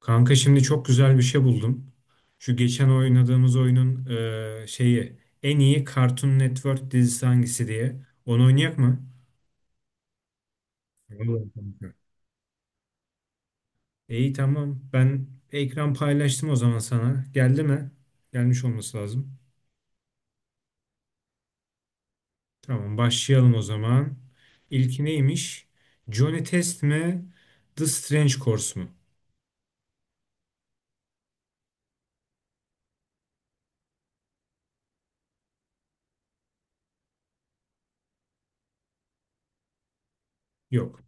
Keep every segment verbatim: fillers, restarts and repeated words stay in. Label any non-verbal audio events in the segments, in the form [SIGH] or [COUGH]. Kanka şimdi çok güzel bir şey buldum. Şu geçen oynadığımız oyunun e, şeyi en iyi Cartoon Network dizisi hangisi diye. Onu oynayak mı? Vallahi kanka. İyi tamam. Ben ekran paylaştım o zaman sana. Geldi mi? Gelmiş olması lazım. Tamam başlayalım o zaman. İlki neymiş? Johnny Test mi? The Strange Course mu? Yok.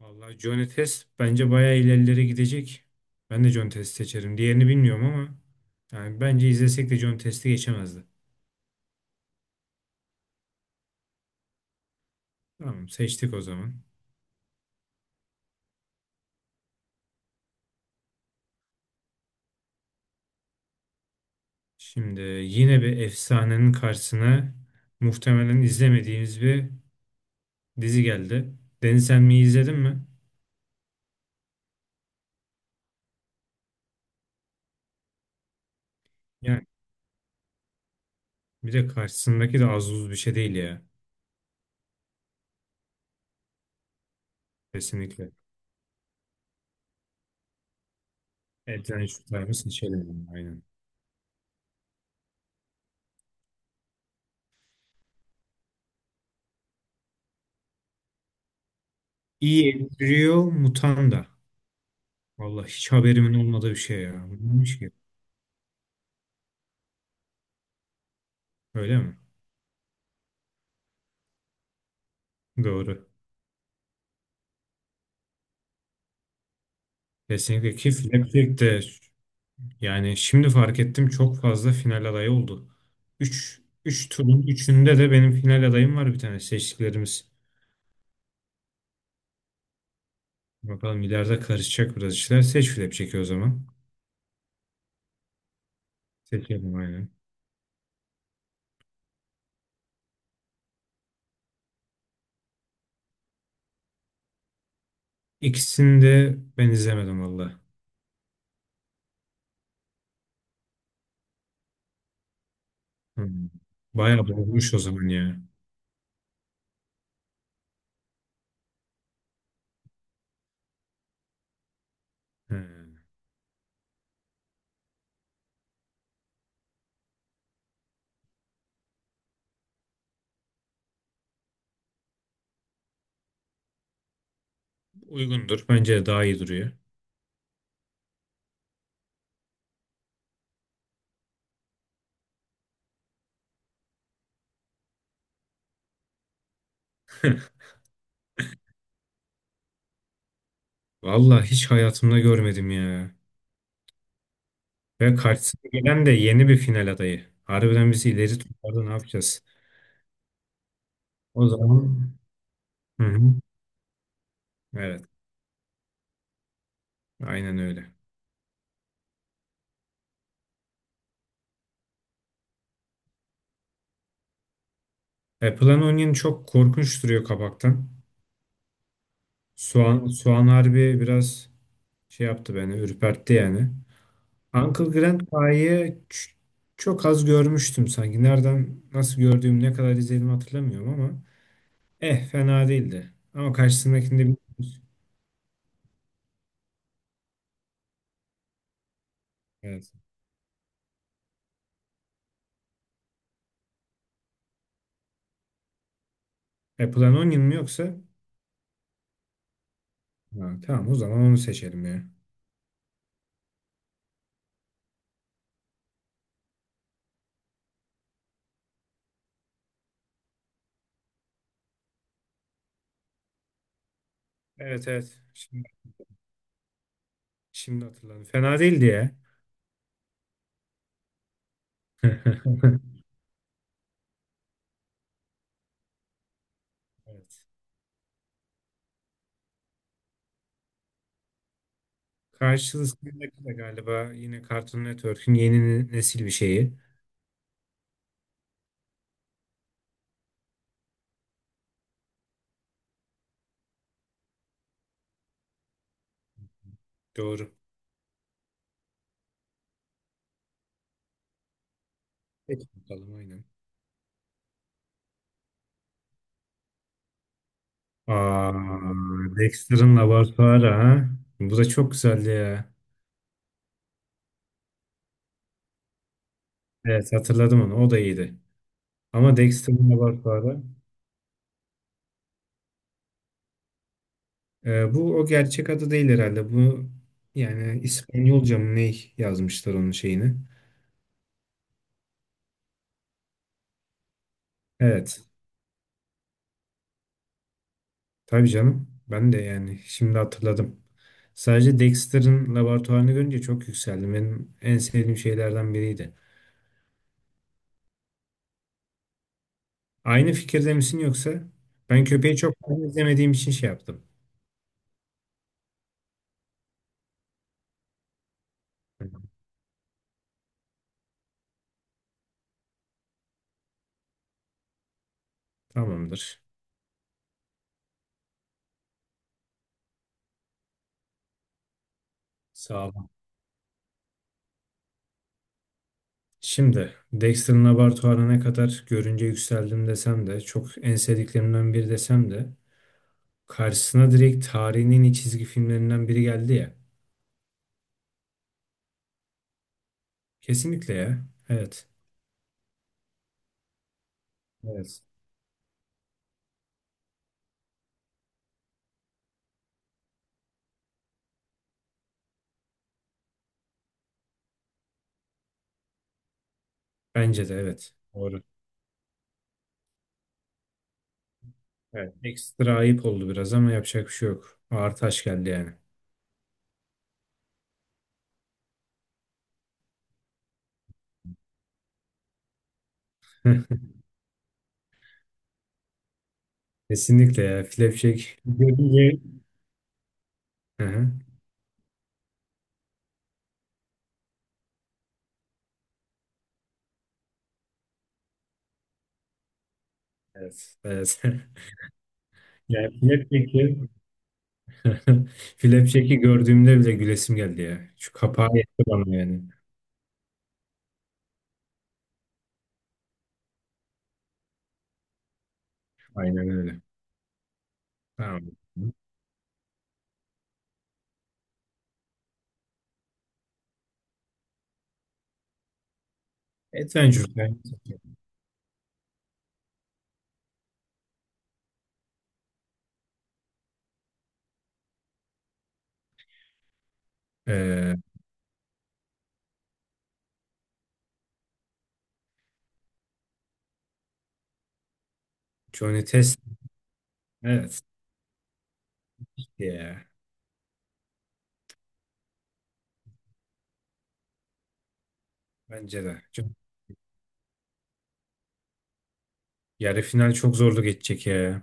Vallahi Johnny Test bence bayağı ilerilere gidecek. Ben de Johnny Test seçerim. Diğerini bilmiyorum ama yani bence izlesek de Johnny Test'i geçemezdi. Tamam seçtik o zaman. Şimdi yine bir efsanenin karşısına muhtemelen izlemediğimiz bir dizi geldi. Deniz sen mi izledin mi? Yani bir de karşısındaki de az buz bir şey değil ya. Kesinlikle. Adventure Time'ı seçelim. Aynen. Rio Mutanda. Vallahi hiç haberimin olmadığı bir şey ya. Bu neymiş ki? Öyle mi? Doğru. Kesinlikle ki Flapjack de yani şimdi fark ettim çok fazla final adayı oldu. Üç üç turun üçünde de benim final adayım var bir tane seçtiklerimiz. Bakalım ileride karışacak biraz işler. Seç Flapjack'i o zaman. Seçelim aynen. İkisini de ben izlemedim valla. Hmm. Bayağı bozmuş o zaman ya. He. Uygundur. Bence de daha iyi duruyor. Valla hiç hayatımda görmedim ya. Ve karşısına gelen de yeni bir final adayı. Harbiden bizi ileri tutardı ne yapacağız? O zaman hı hı. Evet, aynen öyle. Apple'ın onion çok korkunç duruyor kapaktan. Soğan, soğan harbi biraz şey yaptı beni, ürpertti yani. Uncle Grand Pie'yi ç- çok az görmüştüm sanki. Nereden, nasıl gördüğüm, ne kadar izledim hatırlamıyorum ama eh fena değildi. Ama karşısındakinde bir... [LAUGHS] Evet. Apple'ın onion mu yoksa? Ha, tamam o zaman onu seçelim ya. Evet evet. Şimdi, şimdi hatırladım. Fena değildi ya. [LAUGHS] Evet. Karşısında galiba yine Cartoon Network'ün yeni nesil bir şeyi. Doğru. Peki. Bakalım aynen. Aa, Dexter'ın laboratuvarı ha. Bu da çok güzeldi ya. Evet hatırladım onu. O da iyiydi. Ama Dexter'ın laboratuvarı. E, bu o gerçek adı değil herhalde. Bu yani İspanyolca mı ne yazmışlar onun şeyini. Evet. Tabii canım. Ben de yani şimdi hatırladım. Sadece Dexter'ın laboratuvarını görünce çok yükseldim. Benim en sevdiğim şeylerden biriydi. Aynı fikirde misin yoksa? Ben köpeği çok fazla izlemediğim için şey yaptım. Tamamdır. Sağ ol. Şimdi Dexter'ın laboratuvarına ne kadar görünce yükseldim desem de çok en sevdiklerimden biri desem de karşısına direkt tarihinin en iyi çizgi filmlerinden biri geldi ya. Kesinlikle ya. Evet. Evet. Bence de evet. Doğru. Evet. Ekstra ayıp oldu biraz ama yapacak bir şey yok. Ağır taş geldi yani. [LAUGHS] Kesinlikle ya. Flapjack. Görünce. Hı hı. Evet. Evet. [LAUGHS] Yani Flapjack'i Flapjack'i [LAUGHS] gördüğümde bile gülesim geldi ya. Şu kapağı yetti bana yani. Aynen öyle. Tamam. Adventure Time. Ee, Johnny Test. Evet. Ya. Bence de. Çok- Yarı final çok zorlu geçecek ya.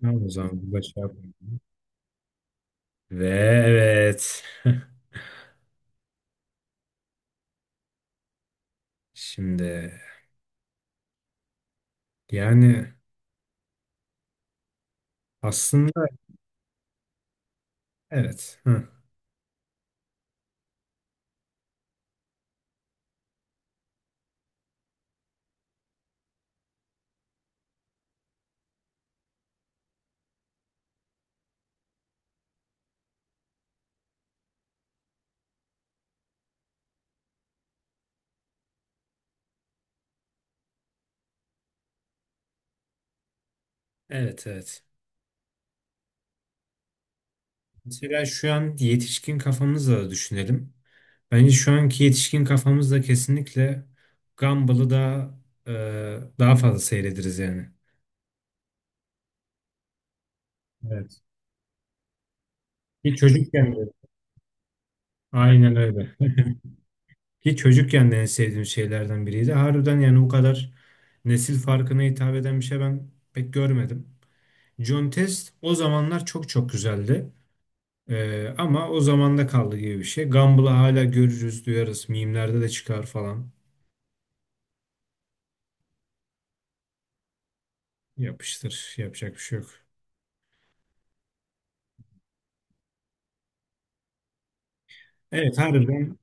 Tamam o zaman. Bu da şey yapmayalım. Ve evet. [LAUGHS] Şimdi yani aslında evet. Hı. Evet evet. Mesela şu an yetişkin kafamızla da düşünelim. Bence şu anki yetişkin kafamızla kesinlikle Gumball'ı daha e, daha fazla seyrederiz yani. Evet. Ki çocukken de aynen öyle. Ki çocukken de en sevdiğim şeylerden biriydi. Harbiden yani bu kadar nesil farkına hitap eden bir şey ben pek görmedim. John Test o zamanlar çok çok güzeldi. E, ama o zamanda kaldı gibi bir şey. Gumball'ı hala görürüz, duyarız. Mimlerde de çıkar falan. Yapıştır. Yapacak bir şey yok. Evet harbiden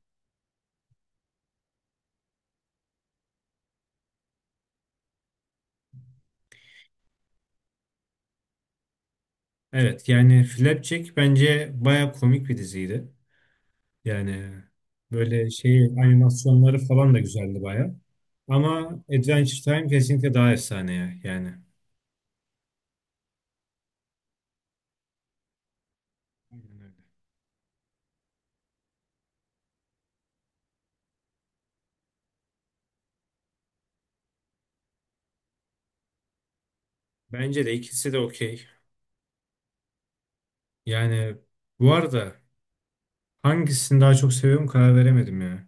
evet yani Flapjack bence baya komik bir diziydi. Yani böyle şey animasyonları falan da güzeldi baya. Ama Adventure Time kesinlikle daha efsane ya yani. Aynen öyle. Bence de ikisi de okey. Yani bu arada hangisini daha çok seviyorum karar veremedim ya.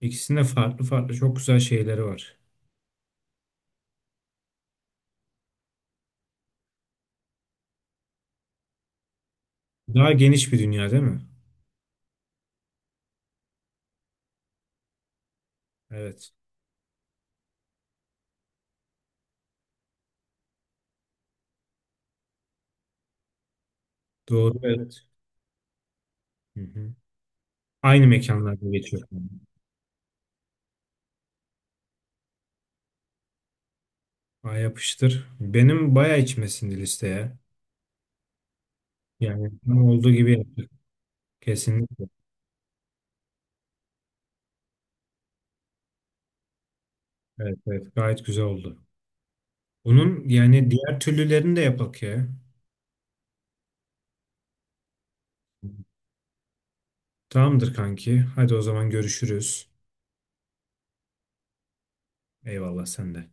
İkisinde farklı farklı çok güzel şeyleri var. Daha geniş bir dünya değil mi? Evet. Doğru evet. Hı hı. Aynı mekanlarda geçiyor. Ay yapıştır. Benim bayağı içmesin listeye. Yani tam olduğu gibi yaptık. Kesinlikle. Evet, evet. Gayet güzel oldu. Bunun yani diğer türlülerini de yapak ya. Tamamdır kanki. Hadi o zaman görüşürüz. Eyvallah sen de.